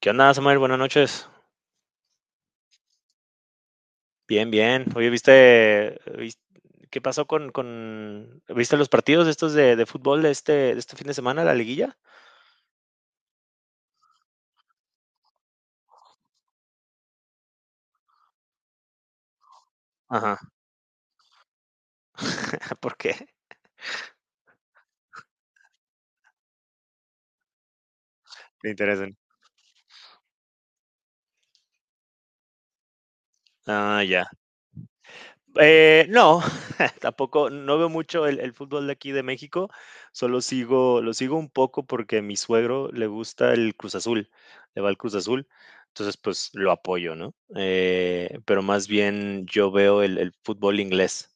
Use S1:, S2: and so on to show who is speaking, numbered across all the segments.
S1: ¿Qué onda, Samuel? Buenas noches. Bien, bien. Oye, qué pasó con... ¿viste los partidos estos de fútbol de este fin de semana, la liguilla? Ajá. ¿Por qué? Me interesan. Ah, ya. No, tampoco, no veo mucho el fútbol de aquí de México, lo sigo un poco porque a mi suegro le gusta el Cruz Azul, le va el Cruz Azul, entonces pues lo apoyo, ¿no? Pero más bien yo veo el fútbol inglés.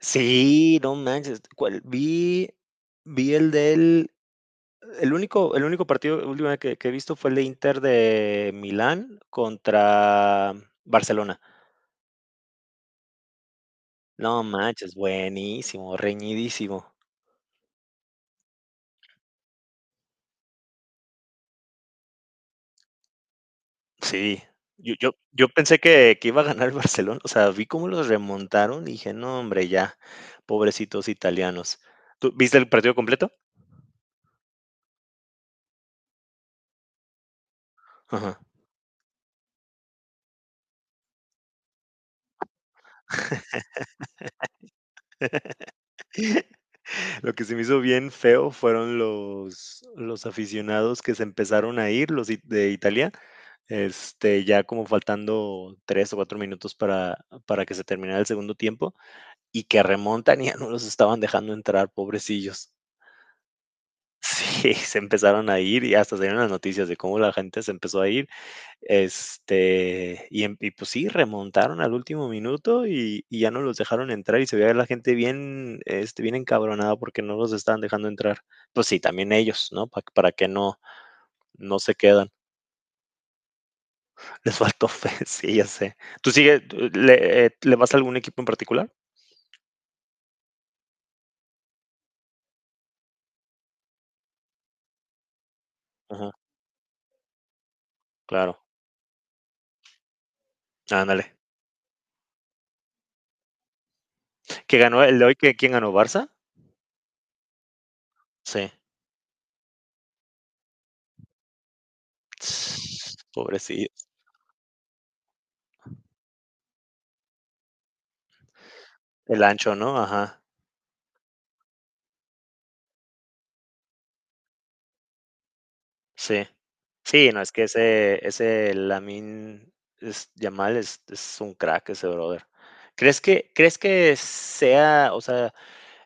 S1: Sí, no manches. ¿Cuál? Vi el único partido última que he visto fue el de Inter de Milán contra Barcelona. No manches, buenísimo, reñidísimo. Sí, yo pensé que iba a ganar el Barcelona. O sea, vi cómo los remontaron y dije, no, hombre, ya, pobrecitos italianos. ¿Tú viste el partido completo? Ajá. Lo que se me hizo bien feo fueron los aficionados que se empezaron a ir, de Italia, ya como faltando 3 o 4 minutos para que se terminara el segundo tiempo, y que remontan y ya no los estaban dejando entrar, pobrecillos. Sí, se empezaron a ir y hasta salieron las noticias de cómo la gente se empezó a ir. Y pues sí, remontaron al último minuto, y ya no los dejaron entrar y se veía la gente bien encabronada porque no los estaban dejando entrar. Pues sí, también ellos, ¿no? Para que no, no se quedan. Les faltó fe, sí, ya sé. ¿Tú sigue, tú le, le vas a algún equipo en particular? Ajá, claro. Ándale. ¿Que ganó el de hoy? Que ¿Quién ganó? ¿Barça? Sí. Pobrecillo. El ancho, ¿no? Ajá. Sí. Sí, no, es que ese Lamine es Yamal es un crack ese brother. ¿Crees que sea, o sea,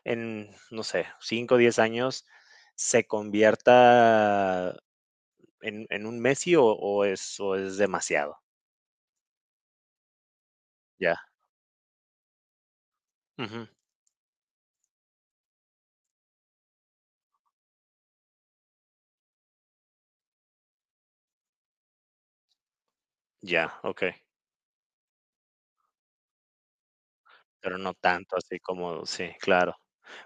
S1: en, no sé, 5 o 10 años se convierta en un Messi o es demasiado? Ya, ujú, ya, okey, pero no tanto así como sí, claro.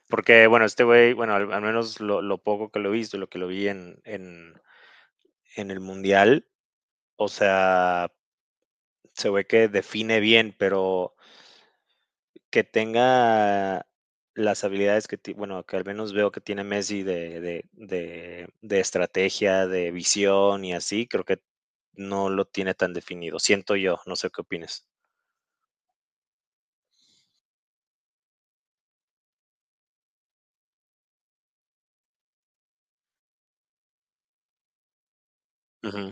S1: Porque, bueno, este güey, bueno, al menos lo poco que lo he visto, lo que lo vi en el mundial. O sea, se ve que define bien, pero que tenga las habilidades que, bueno, que al menos veo que tiene Messi de estrategia, de visión y así, creo que no lo tiene tan definido. Siento yo, no sé qué opines. Ujú,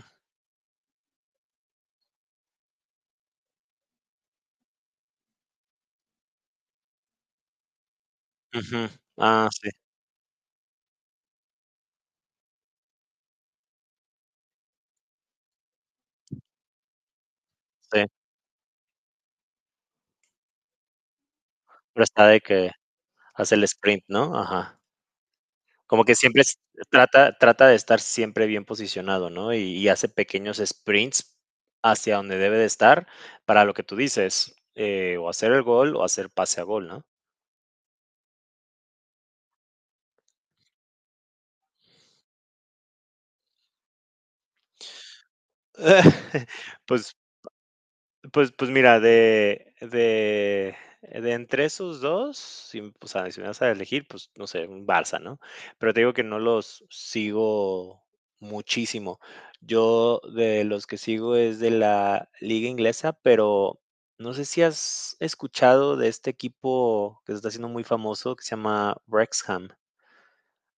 S1: ujú. Ah, sí, sí. Pero está de que hace el sprint, ¿no? Ajá. Como que siempre trata de estar siempre bien posicionado, ¿no? Y hace pequeños sprints hacia donde debe de estar para lo que tú dices, o hacer el gol o hacer pase a gol, ¿no? Pues pues mira, de entre esos 2, o sea, si me vas a elegir, pues, no sé, un Barça, ¿no? Pero te digo que no los sigo muchísimo. Yo de los que sigo es de la liga inglesa, pero no sé si has escuchado de este equipo que se está haciendo muy famoso, que se llama Wrexham.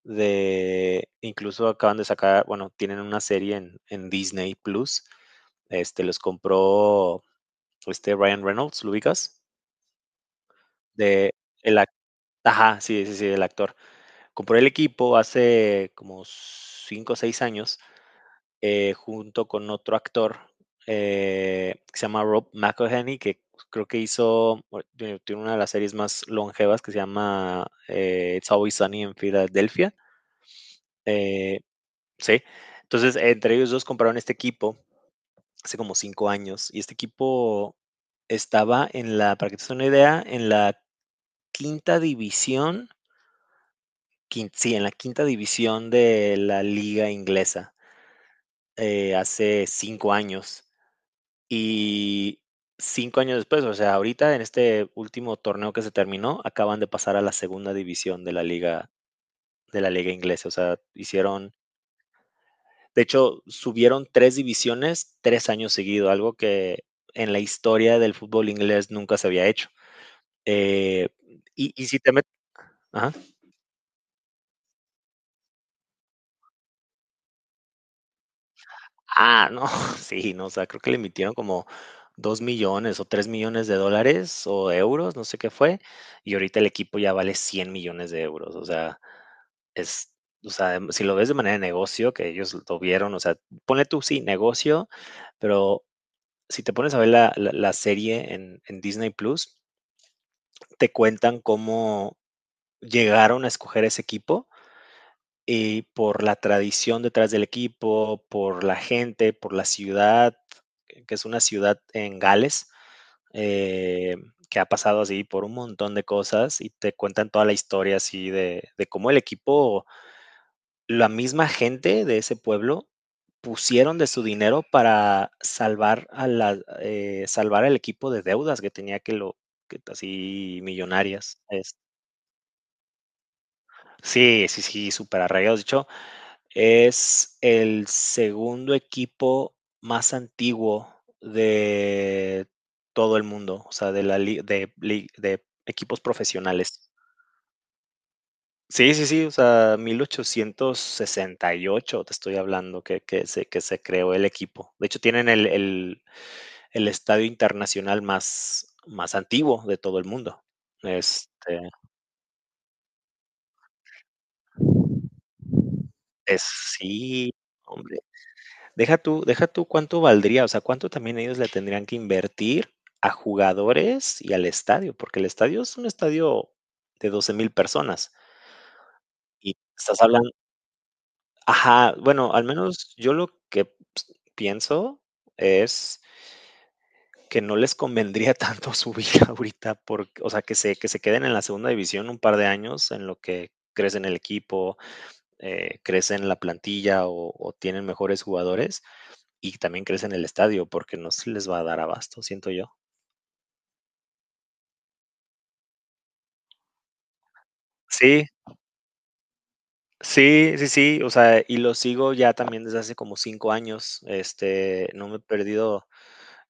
S1: De incluso acaban de sacar, bueno, tienen una serie en Disney Plus. Los compró este Ryan Reynolds, ¿lo ubicas? De el ac- Ajá, sí, sí, sí, el actor. Compró el equipo hace como 5 o 6 años, junto con otro actor, que se llama Rob McElhenney, que creo que hizo, bueno, tiene una de las series más longevas que se llama It's Always Sunny en Filadelfia. Eh, sí, entonces entre ellos dos compraron este equipo hace como 5 años y este equipo estaba en la, para que te des una idea, en la quinta división. Quin Sí, en la quinta división de la liga inglesa, hace 5 años. Y 5 años después, o sea, ahorita en este último torneo que se terminó, acaban de pasar a la segunda división de la liga inglesa. O sea, hicieron de hecho, subieron 3 divisiones 3 años seguidos, algo que en la historia del fútbol inglés nunca se había hecho. Eh, y si te metes. Ah, no, sí, no, o sea, creo que le emitieron como 2 millones o 3 millones de dólares o euros, no sé qué fue, y ahorita el equipo ya vale 100 millones de euros. O sea, es o sea, si lo ves de manera de negocio, que ellos lo vieron, o sea, ponle tú, sí, negocio, pero si te pones a ver la serie en Disney Plus, te cuentan cómo llegaron a escoger ese equipo. Y por la tradición detrás del equipo, por la gente, por la ciudad, que es una ciudad en Gales, eh, que ha pasado así por un montón de cosas y te cuentan toda la historia así de cómo el equipo, la misma gente de ese pueblo pusieron de su dinero para salvar al equipo de deudas que tenía que lo que así millonarias. Sí, sí, sí, superarraigados. De hecho, es el segundo equipo más antiguo de todo el mundo, o sea, de la li- de equipos profesionales. Sí, sí, sí, o sea, 1868 te estoy hablando que se creó el equipo. De hecho, tienen el estadio internacional más antiguo de todo el mundo. Este, es, sí, hombre. Deja tú cuánto valdría, o sea, cuánto también ellos le tendrían que invertir a jugadores y al estadio, porque el estadio es un estadio de 12.000 personas y estás hablando, ajá, bueno, al menos yo lo que pienso es que no les convendría tanto subir ahorita porque, o sea, que se queden en la segunda división un par de años en lo que crece en el equipo, crece en la plantilla o tienen mejores jugadores, y también crece en el estadio, porque no se les va a dar abasto, siento yo. Sí, sí, sí, sí, o sea, y lo sigo ya también desde hace como 5 años, no me he perdido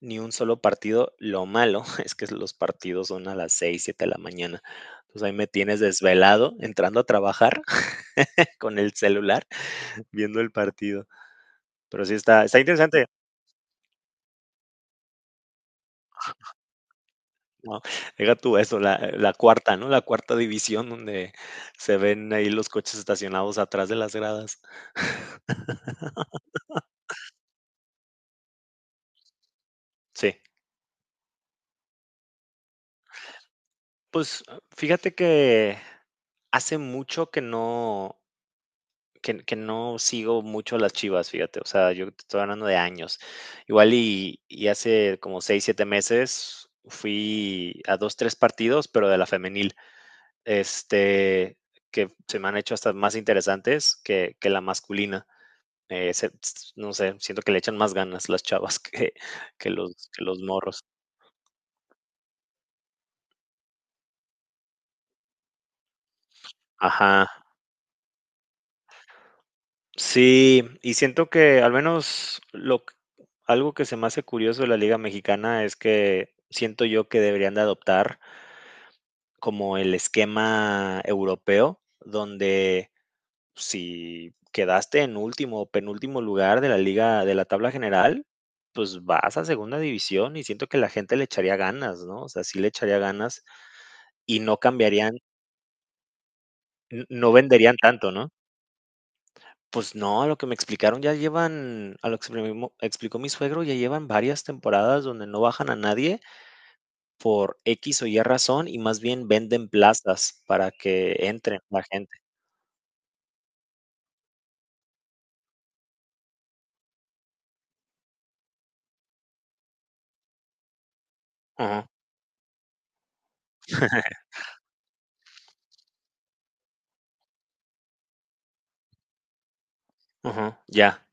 S1: ni un solo partido. Lo malo es que los partidos son a las 6 7 de la mañana, entonces ahí me tienes desvelado entrando a trabajar con el celular viendo el partido, pero sí está, interesante. No, deja tú eso, la cuarta, ¿no? La cuarta división donde se ven ahí los coches estacionados atrás de las gradas. Sí. Pues, ah, fíjate que hace mucho que no sigo mucho las Chivas, fíjate. O sea, yo te estoy hablando de años. Igual y hace como 6 o 7 meses fui a 2 3 partidos, pero de la femenil, este, que se me han hecho hasta más interesantes que la masculina. No sé, siento que le echan más ganas las chavas que los morros. Ajá. Sí, y siento que al menos lo q algo que se me hace curioso de la liga mexicana es que siento yo que deberían de adoptar como el esquema europeo, donde si quedaste en último o penúltimo lugar de la tabla general, pues vas a segunda división y siento que la gente le echaría ganas, ¿no? O sea, sí le echaría ganas y no cambiarían, n no venderían tanto, ¿no? Pues no, a lo que me explicó mi suegro, ya llevan varias temporadas donde no bajan a nadie por X o Y razón, y más bien venden plazas para que entre la gente. Ajá, ajá, ya,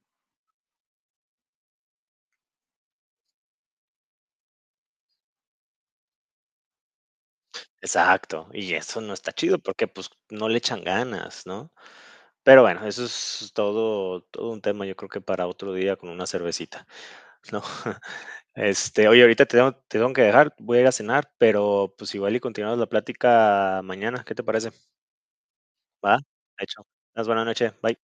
S1: exacto. Y eso no está chido porque, pues, no le echan ganas, ¿no? Pero bueno, eso es todo un tema, yo creo que para otro día con una cervecita, ¿no? Oye, ahorita te tengo que dejar, voy a ir a cenar, pero, pues, igual y continuamos la plática mañana, ¿qué te parece? Va, hecho. Más buena noche. Bye.